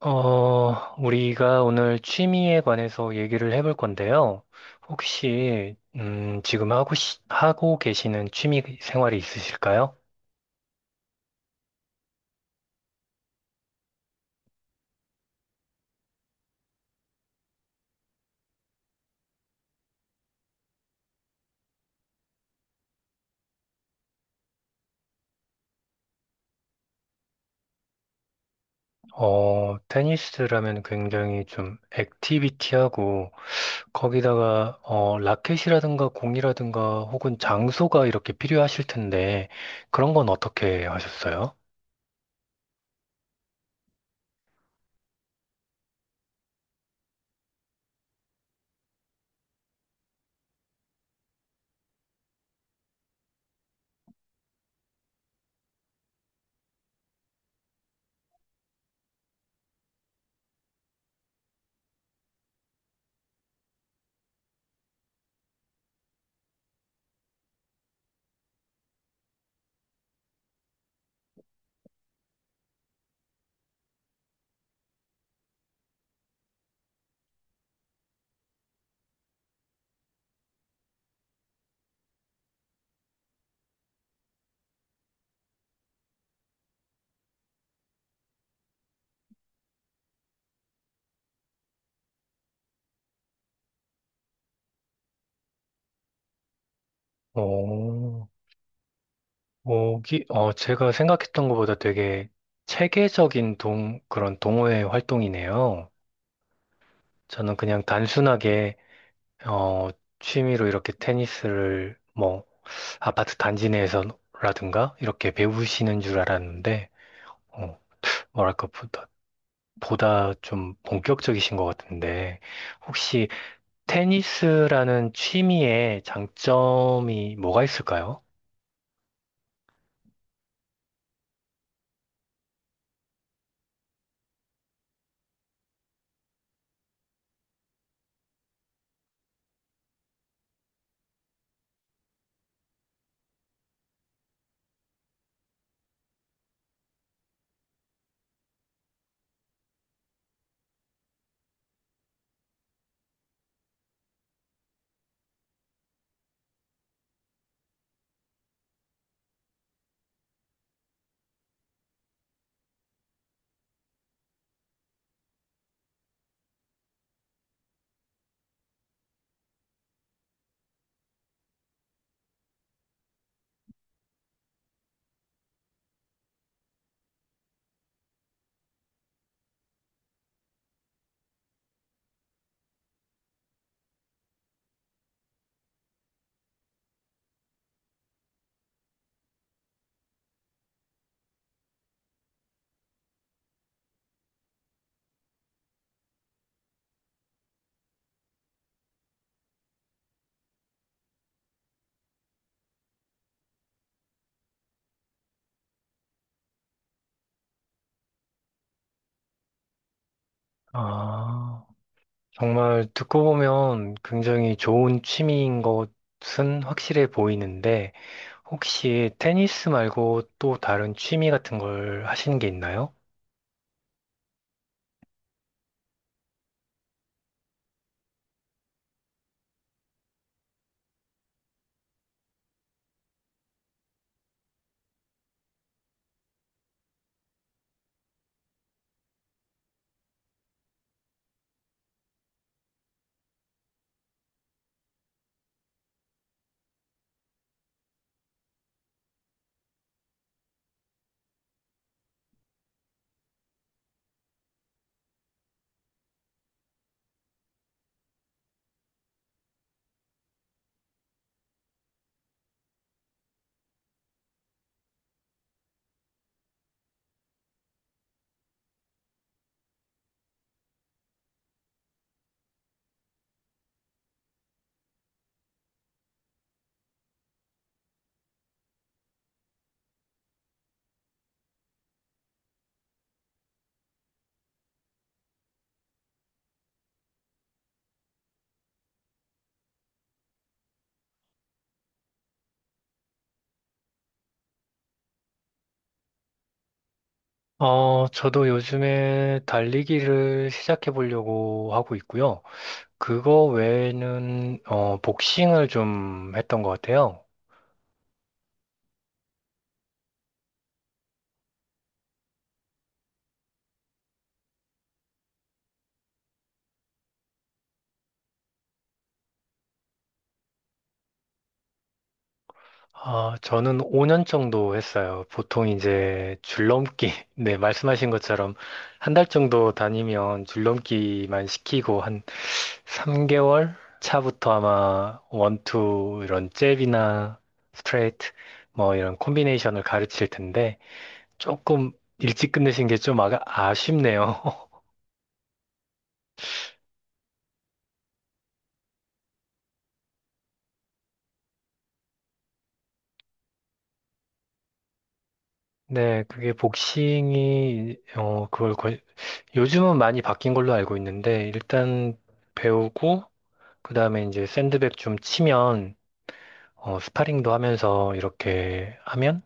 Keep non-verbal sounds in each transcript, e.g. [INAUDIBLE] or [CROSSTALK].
우리가 오늘 취미에 관해서 얘기를 해볼 건데요. 혹시, 지금 하고, 하고 계시는 취미 생활이 있으실까요? 테니스라면 굉장히 좀 액티비티하고, 거기다가, 라켓이라든가 공이라든가 혹은 장소가 이렇게 필요하실 텐데, 그런 건 어떻게 하셨어요? 오. 오기, 제가 생각했던 것보다 되게 체계적인 그런 동호회 활동이네요. 저는 그냥 단순하게, 어, 취미로 이렇게 테니스를 뭐, 아파트 단지 내에서라든가, 이렇게 배우시는 줄 알았는데, 어, 뭐랄까, 보다 좀 본격적이신 것 같은데, 혹시 테니스라는 취미의 장점이 뭐가 있을까요? 아. 정말 듣고 보면 굉장히 좋은 취미인 것은 확실해 보이는데, 혹시 테니스 말고 또 다른 취미 같은 걸 하시는 게 있나요? 저도 요즘에 달리기를 시작해 보려고 하고 있고요. 그거 외에는, 복싱을 좀 했던 것 같아요. 아, 저는 5년 정도 했어요. 보통 이제 줄넘기, [LAUGHS] 네, 말씀하신 것처럼 한 달 정도 다니면 줄넘기만 시키고 한 3개월 차부터 아마 원투 이런 잽이나 스트레이트 뭐 이런 콤비네이션을 가르칠 텐데 조금 일찍 끝내신 게 좀 아쉽네요. [LAUGHS] 네, 그게 복싱이 요즘은 많이 바뀐 걸로 알고 있는데 일단 배우고 그 다음에 이제 샌드백 좀 치면, 스파링도 하면서 이렇게 하면,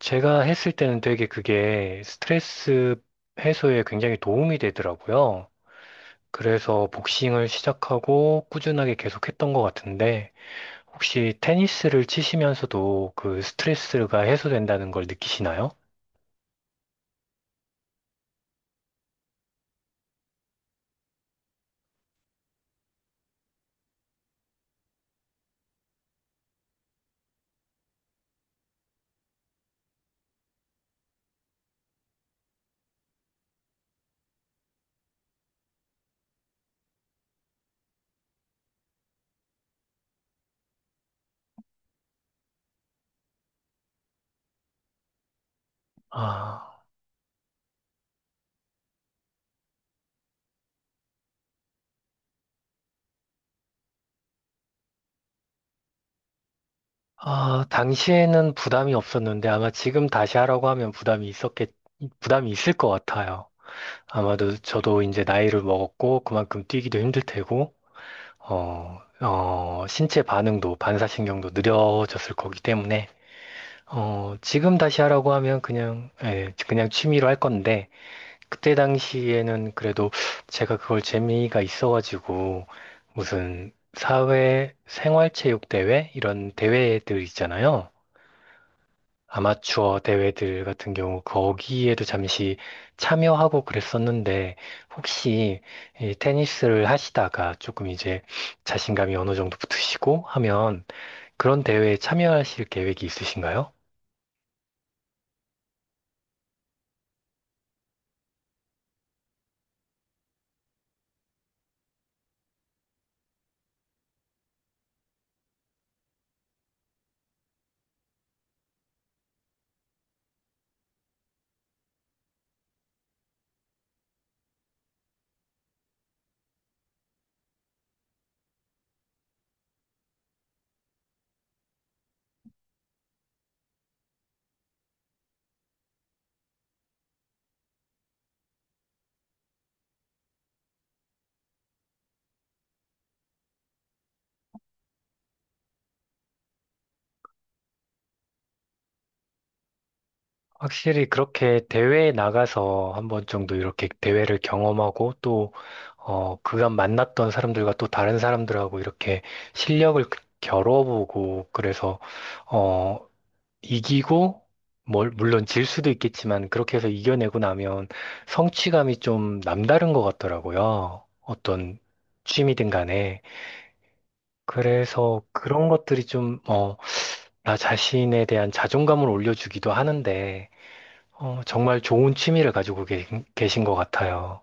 제가 했을 때는 되게 그게 스트레스 해소에 굉장히 도움이 되더라고요. 그래서 복싱을 시작하고 꾸준하게 계속했던 것 같은데, 혹시 테니스를 치시면서도 그 스트레스가 해소된다는 걸 느끼시나요? 아, 아, 당시에는 부담이 없었는데 아마 지금 다시 하라고 하면 부담이 있을 것 같아요. 아마도 저도 이제 나이를 먹었고 그만큼 뛰기도 힘들 테고 신체 반응도 반사신경도 느려졌을 거기 때문에 지금 다시 하라고 하면 그냥 예, 그냥 취미로 할 건데 그때 당시에는 그래도 제가 그걸 재미가 있어가지고 무슨 사회 생활체육 대회 이런 대회들 있잖아요. 아마추어 대회들 같은 경우 거기에도 잠시 참여하고 그랬었는데 혹시 이 테니스를 하시다가 조금 이제 자신감이 어느 정도 붙으시고 하면 그런 대회에 참여하실 계획이 있으신가요? 확실히 그렇게 대회에 나가서 한 번 정도 이렇게 대회를 경험하고 또 그간 만났던 사람들과 또 다른 사람들하고 이렇게 실력을 겨뤄보고 그래서 어, 이기고, 물론 질 수도 있겠지만, 그렇게 해서 이겨내고 나면 성취감이 좀 남다른 것 같더라고요. 어떤 취미든 간에. 그래서 그런 것들이 좀, 나 자신에 대한 자존감을 올려주기도 하는데, 정말 좋은 취미를 가지고 계신 것 같아요.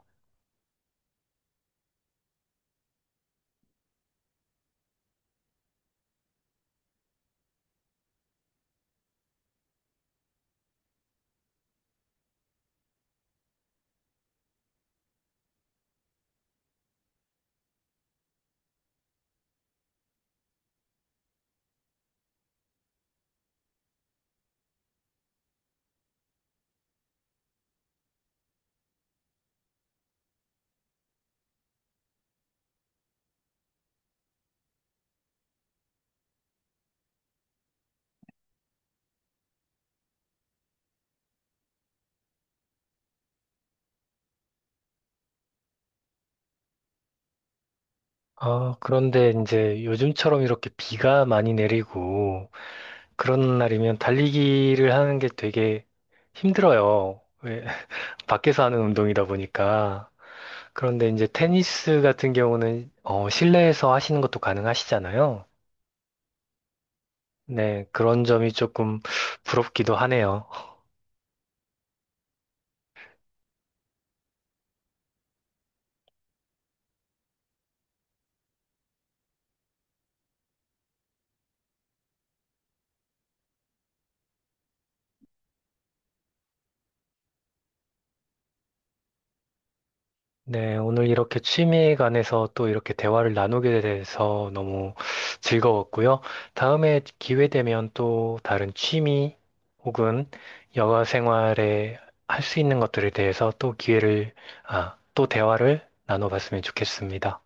아, 그런데 이제 요즘처럼 이렇게 비가 많이 내리고, 그런 날이면 달리기를 하는 게 되게 힘들어요. 왜 밖에서 하는 운동이다 보니까. 그런데 이제 테니스 같은 경우는 실내에서 하시는 것도 가능하시잖아요. 네, 그런 점이 조금 부럽기도 하네요. 네, 오늘 이렇게 취미에 관해서 또 이렇게 대화를 나누게 돼서 너무 즐거웠고요. 다음에 기회 되면 또 다른 취미 혹은 여가 생활에 할 수 있는 것들에 대해서 또 아, 또 대화를 나눠봤으면 좋겠습니다.